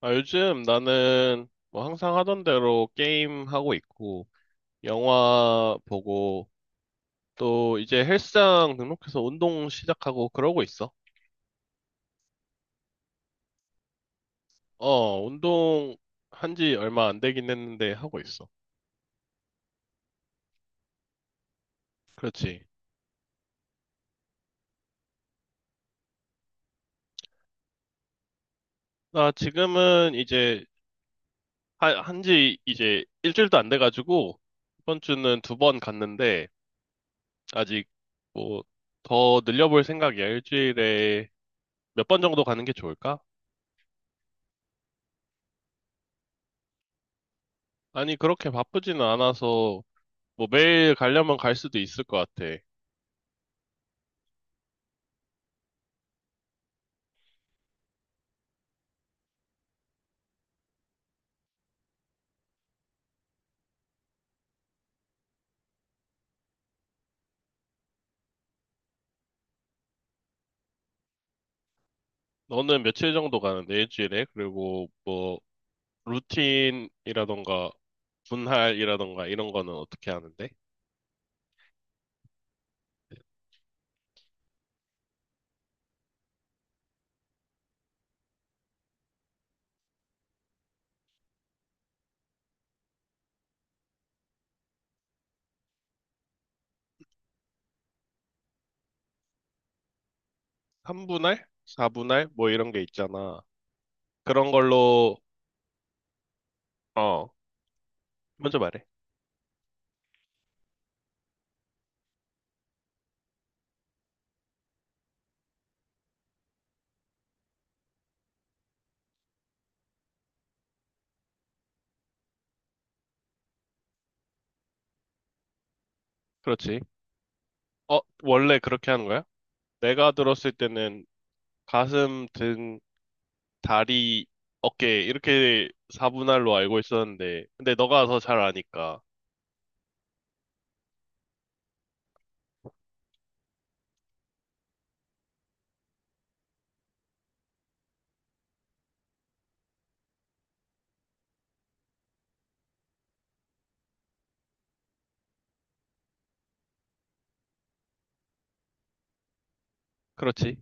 아, 요즘 나는 뭐 항상 하던 대로 게임 하고 있고, 영화 보고, 또 이제 헬스장 등록해서 운동 시작하고 그러고 있어. 어, 운동 한 지 얼마 안 되긴 했는데 하고 있어. 그렇지. 나 지금은 이제 한 지 이제 일주일도 안 돼가지고, 이번 주는 두 번 갔는데, 아직 뭐 더 늘려볼 생각이야. 일주일에 몇 번 정도 가는 게 좋을까? 아니, 그렇게 바쁘지는 않아서 뭐 매일 가려면 갈 수도 있을 것 같아. 너는 며칠 정도 가는데 일주일에? 그리고 뭐 루틴이라던가 분할이라던가 이런 거는 어떻게 하는데? 삼분할사분할뭐 이런 게 있잖아. 그런 걸로, 어, 먼저 말해. 그렇지. 어, 원래 그렇게 하는 거야? 내가 들었을 때는 가슴, 등, 다리, 어깨, 이렇게 4분할로 알고 있었는데, 근데 너가 더 잘 아니까. 그렇지.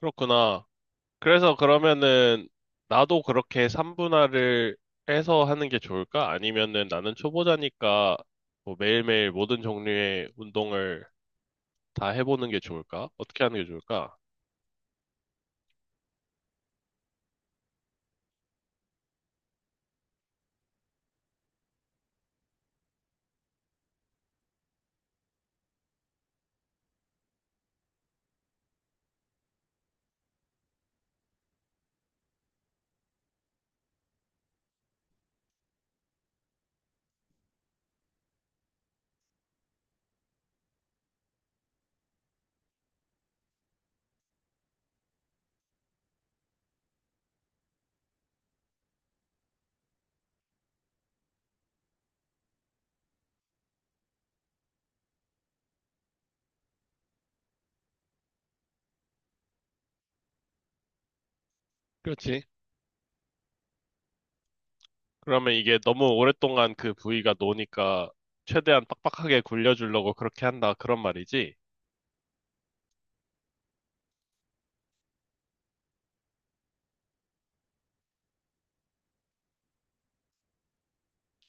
그렇구나. 그래서 그러면은 나도 그렇게 3분할을 해서 하는 게 좋을까? 아니면은 나는 초보자니까 뭐 매일매일 모든 종류의 운동을 다 해보는 게 좋을까? 어떻게 하는 게 좋을까? 그렇지. 그러면 이게 너무 오랫동안 그 부위가 노니까 최대한 빡빡하게 굴려주려고 그렇게 한다. 그런 말이지.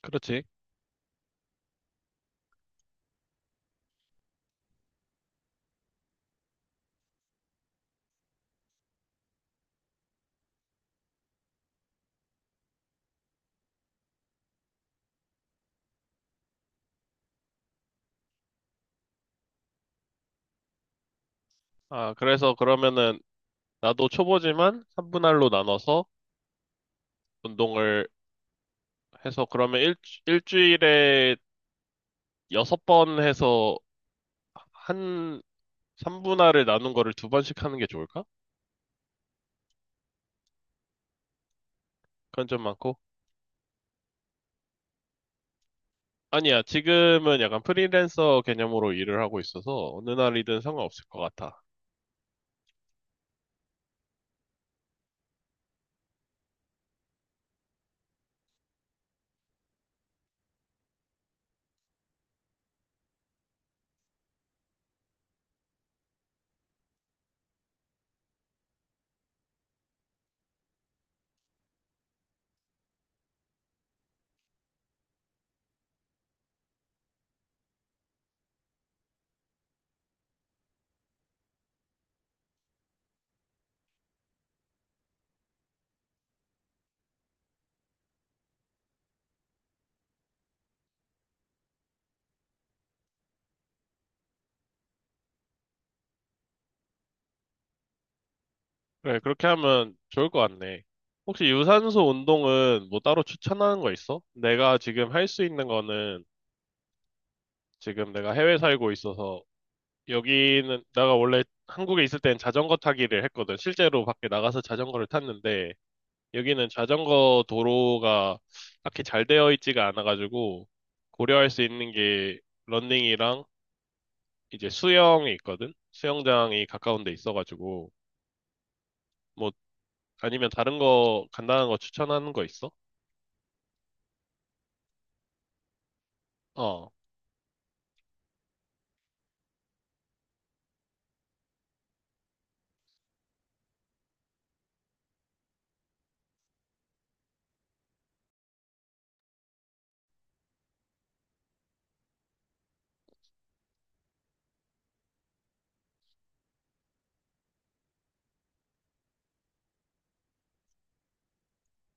그렇지. 아, 그래서 그러면은 나도 초보지만 3분할로 나눠서 운동을 해서 그러면 일주일에 6번 해서 한 3분할을 나눈 거를 두 번씩 하는 게 좋을까? 그건 좀 많고. 아니야, 지금은 약간 프리랜서 개념으로 일을 하고 있어서 어느 날이든 상관없을 것 같아. 그래, 그렇게 하면 좋을 것 같네. 혹시 유산소 운동은 뭐 따로 추천하는 거 있어? 내가 지금 할 수 있는 거는 지금 내가 해외 살고 있어서 여기는 내가 원래 한국에 있을 땐 자전거 타기를 했거든. 실제로 밖에 나가서 자전거를 탔는데 여기는 자전거 도로가 딱히 잘 되어 있지가 않아가지고 고려할 수 있는 게 러닝이랑 이제 수영이 있거든. 수영장이 가까운 데 있어가지고 뭐 아니면 다른 거 간단한 거 추천하는 거 있어? 어,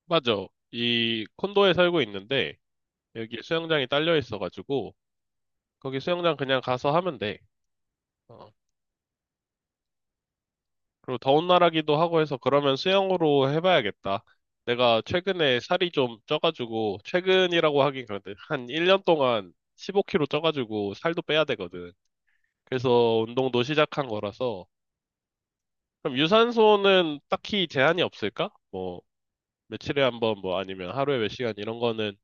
맞아. 이 콘도에 살고 있는데 여기 수영장이 딸려 있어가지고 거기 수영장 그냥 가서 하면 돼. 어. 그리고 더운 나라기도 하고 해서 그러면 수영으로 해봐야겠다. 내가 최근에 살이 좀 쪄가지고, 최근이라고 하긴 그런데, 한 1년 동안 15kg 쪄가지고 살도 빼야 되거든. 그래서 운동도 시작한 거라서. 그럼 유산소는 딱히 제한이 없을까? 뭐, 며칠에 한 번, 뭐 아니면 하루에 몇 시간 이런 거는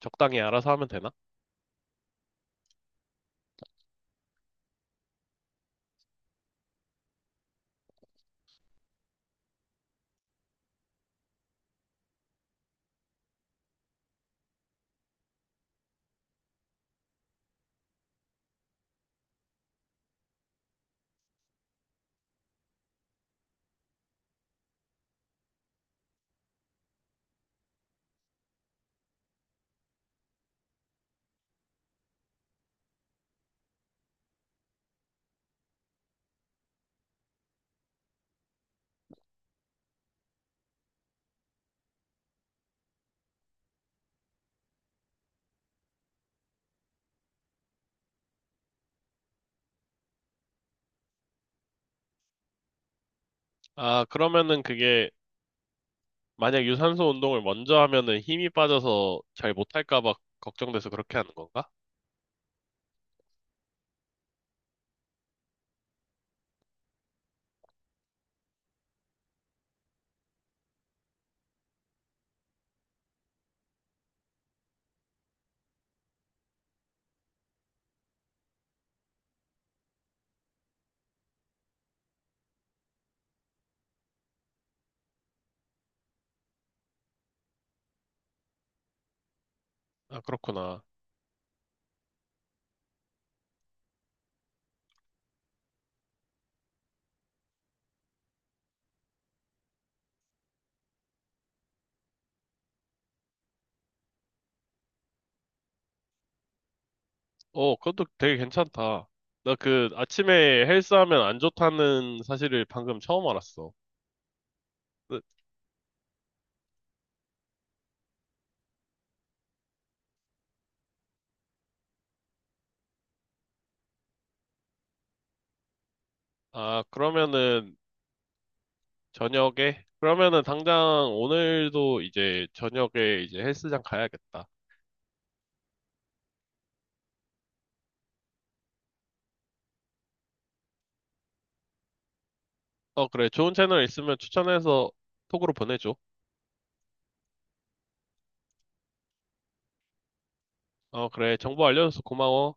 적당히 알아서 하면 되나? 아, 그러면은 그게 만약 유산소 운동을 먼저 하면은 힘이 빠져서 잘 못할까 봐 걱정돼서 그렇게 하는 건가? 아, 그렇구나. 어, 그것도 되게 괜찮다. 나 그 아침에 헬스하면 안 좋다는 사실을 방금 처음 알았어. 그 아, 그러면은 저녁에? 그러면은 당장 오늘도 이제 저녁에 이제 헬스장 가야겠다. 어, 그래. 좋은 채널 있으면 추천해서 톡으로 보내줘. 어, 그래. 정보 알려줘서 고마워.